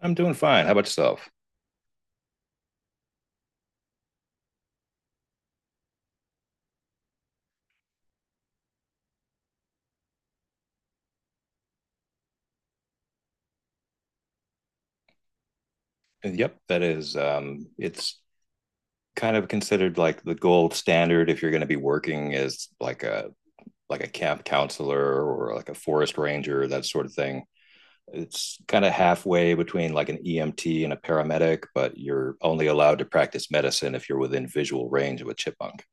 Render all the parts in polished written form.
I'm doing fine. How about yourself? And yep, that is. It's kind of considered like the gold standard if you're going to be working as like a camp counselor or like a forest ranger, that sort of thing. It's kind of halfway between like an EMT and a paramedic, but you're only allowed to practice medicine if you're within visual range of a chipmunk.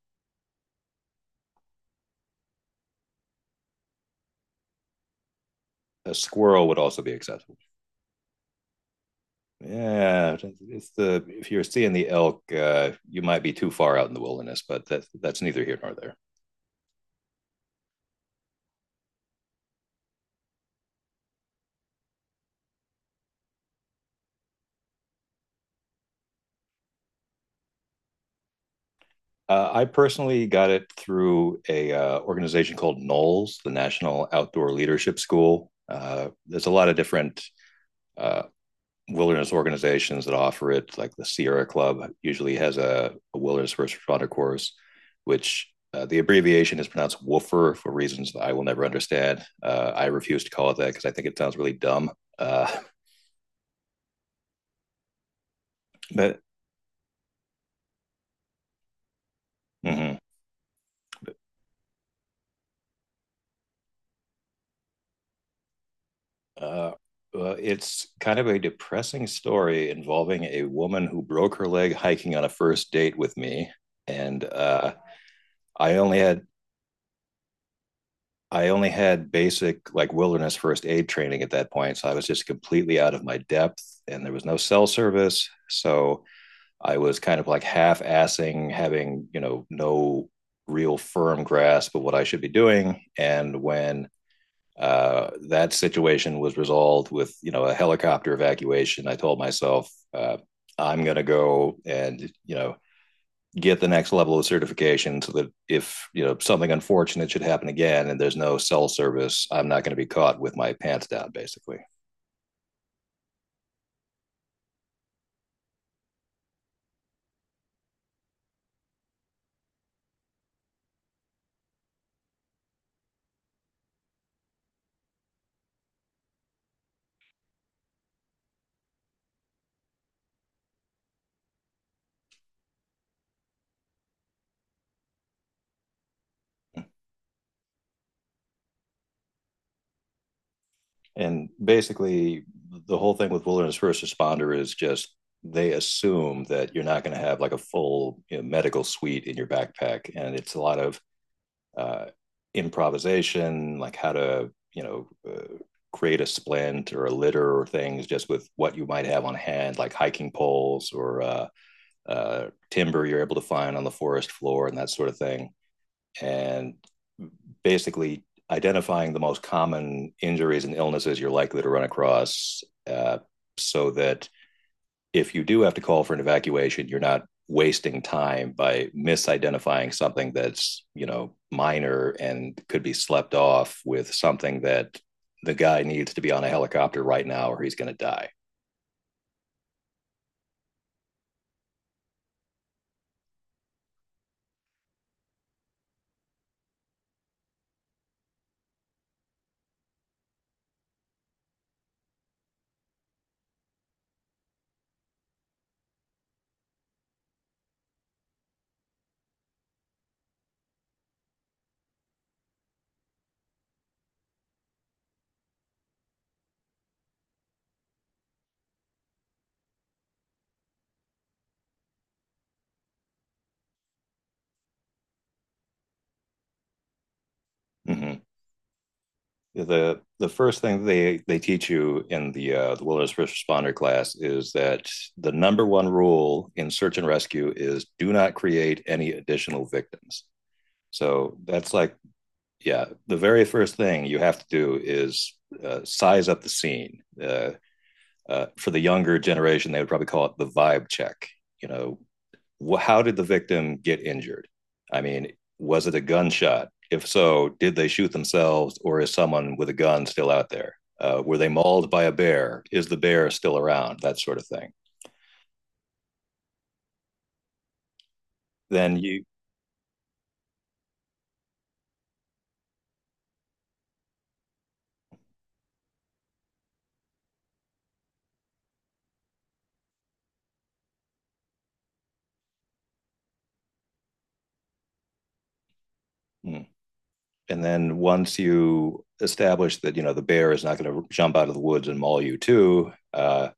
A squirrel would also be acceptable. Yeah, it's the if you're seeing the elk, you might be too far out in the wilderness, but that's neither here nor there. I personally got it through a organization called Knowles, the National Outdoor Leadership School. There's a lot of different uh, wilderness organizations that offer it, like the Sierra Club usually has a wilderness first responder course, which the abbreviation is pronounced WOOFER for reasons that I will never understand. I refuse to call it that because I think it sounds really dumb. Uh, but. Mm-hmm. Uh, it's kind of a depressing story involving a woman who broke her leg hiking on a first date with me, and I only had I only had basic like wilderness first aid training at that point, so I was just completely out of my depth, and there was no cell service, so I was kind of like half assing, having no real firm grasp of what I should be doing, and when that situation was resolved with a helicopter evacuation. I told myself I'm going to go and get the next level of certification so that if something unfortunate should happen again and there's no cell service, I'm not going to be caught with my pants down, basically. And basically, the whole thing with wilderness first responder is just they assume that you're not going to have like a full, medical suite in your backpack, and it's a lot of uh, improvisation, like how to, create a splint or a litter or things just with what you might have on hand, like hiking poles or timber you're able to find on the forest floor and that sort of thing. And basically identifying the most common injuries and illnesses you're likely to run across, uh, so that if you do have to call for an evacuation, you're not wasting time by misidentifying something that's, minor and could be slept off with something that the guy needs to be on a helicopter right now or he's going to die. Mm-hmm. The first thing they teach you in the wilderness first responder class is that the number one rule in search and rescue is do not create any additional victims. So that's like, yeah, the very first thing you have to do is size up the scene. For the younger generation, they would probably call it the vibe check. You know, how did the victim get injured? I mean, was it a gunshot? If so, did they shoot themselves or is someone with a gun still out there? Were they mauled by a bear? Is the bear still around? That sort of thing. Then you. Mm. And then once you establish that, the bear is not going to jump out of the woods and maul you too,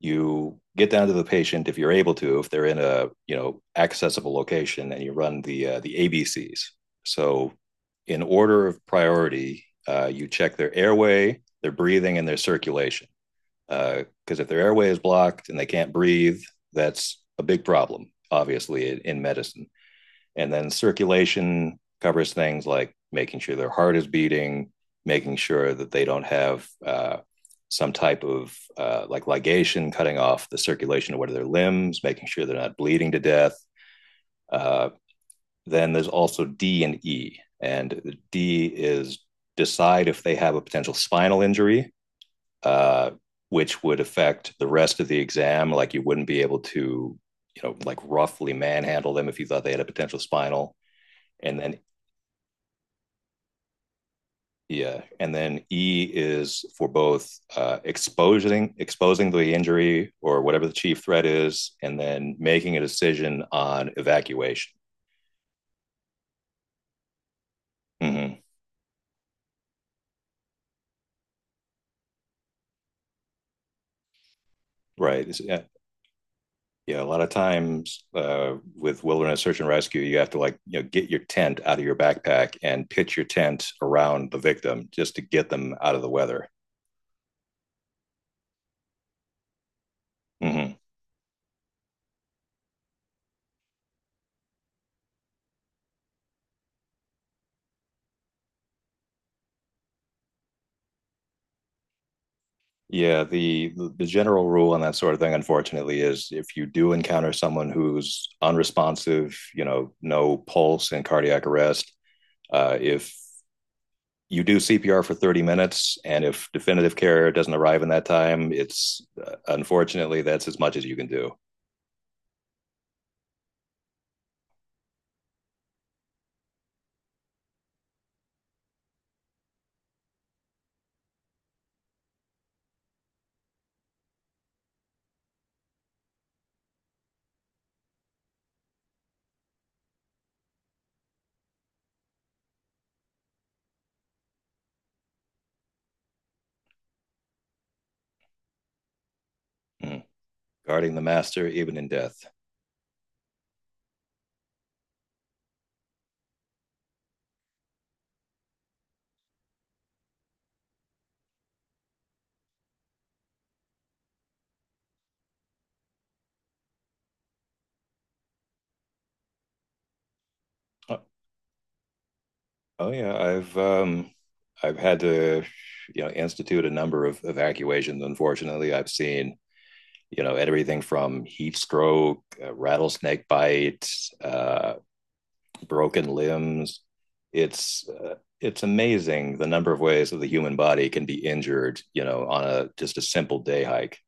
you get down to the patient if you're able to, if they're in a, accessible location, and you run the ABCs. So in order of priority, you check their airway, their breathing, and their circulation, because if their airway is blocked and they can't breathe, that's a big problem, obviously, in medicine. And then circulation covers things like making sure their heart is beating, making sure that they don't have, some type of, like ligation cutting off the circulation of one of their limbs, making sure they're not bleeding to death. Uh, then there's also D and E. And D is decide if they have a potential spinal injury, uh, which would affect the rest of the exam. Like, you wouldn't be able to, like roughly manhandle them if you thought they had a potential spinal. And then, yeah, and then E is for both, exposing the injury or whatever the chief threat is, and then making a decision on evacuation. Hmm. Right. Yeah, yeah. A lot of times, with wilderness search and rescue, you have to, like, get your tent out of your backpack and pitch your tent around the victim just to get them out of the weather. Hmm. Yeah, the general rule on that sort of thing, unfortunately, is if you do encounter someone who's unresponsive, no pulse and cardiac arrest, if you do CPR for 30 minutes, and if definitive care doesn't arrive in that time, it's, unfortunately, that's as much as you can do. Mm. Guarding the master even in death. Oh, oh yeah, I've had to, institute a number of evacuations. Unfortunately, I've seen, everything from heat stroke, rattlesnake bite, uh, broken limbs. It's uh, it's amazing the number of ways that the human body can be injured, on a just a simple day hike.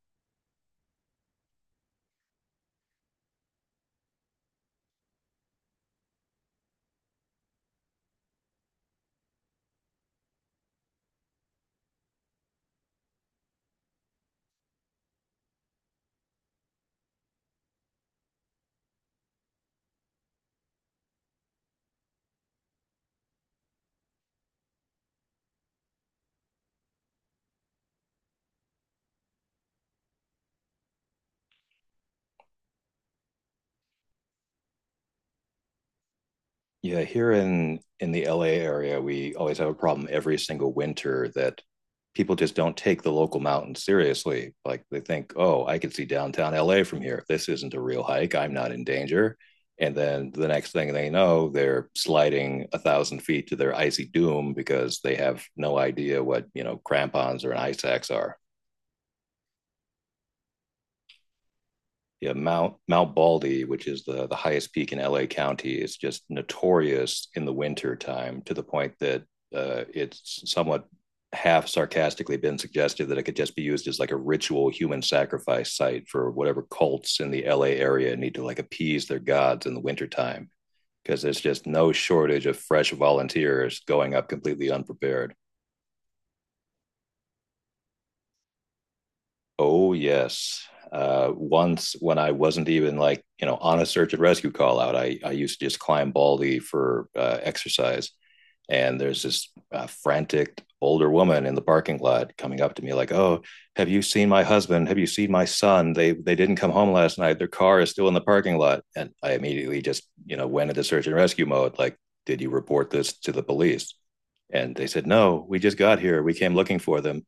Yeah, here in the LA area, we always have a problem every single winter that people just don't take the local mountains seriously. Like they think, "Oh, I can see downtown LA from here. This isn't a real hike. I'm not in danger." And then the next thing they know, they're sliding 1,000 feet to their icy doom because they have no idea what, crampons or an ice axe are. Yeah, Mount Baldy, which is the highest peak in LA County, is just notorious in the winter time, to the point that it's somewhat half sarcastically been suggested that it could just be used as like a ritual human sacrifice site for whatever cults in the LA area need to, like, appease their gods in the wintertime, because there's just no shortage of fresh volunteers going up completely unprepared. Oh yes. Once when I wasn't even, like, on a search and rescue call out, I used to just climb Baldy for exercise, and there's this frantic older woman in the parking lot coming up to me like, "Oh, have you seen my husband? Have you seen my son? They didn't come home last night. Their car is still in the parking lot." And I immediately just went into search and rescue mode. Like, did you report this to the police? And they said, "No, we just got here. We came looking for them."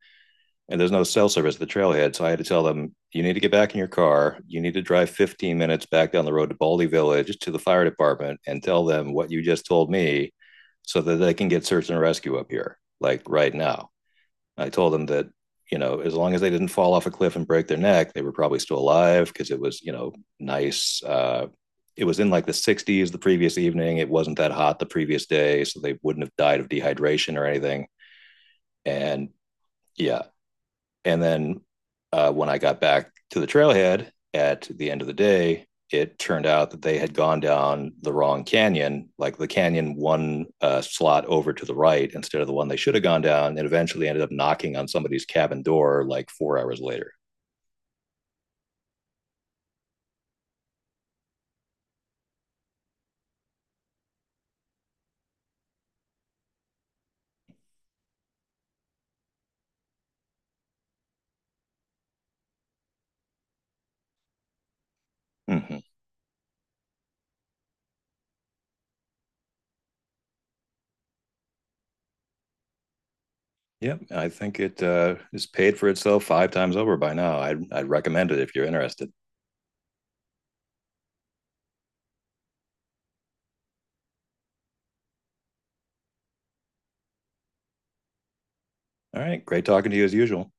And there's no cell service at the trailhead. So I had to tell them, you need to get back in your car. You need to drive 15 minutes back down the road to Baldy Village to the fire department and tell them what you just told me so that they can get search and rescue up here, like right now. I told them that, as long as they didn't fall off a cliff and break their neck, they were probably still alive because it was, nice. It was in like the 60s the previous evening. It wasn't that hot the previous day. So they wouldn't have died of dehydration or anything. And, yeah, and then when I got back to the trailhead at the end of the day, it turned out that they had gone down the wrong canyon, like the canyon one slot over to the right instead of the one they should have gone down, and eventually ended up knocking on somebody's cabin door like 4 hours later. Mm-hmm. Yep, I think it is paid for itself five times over by now. I'd recommend it if you're interested. All right, great talking to you as usual.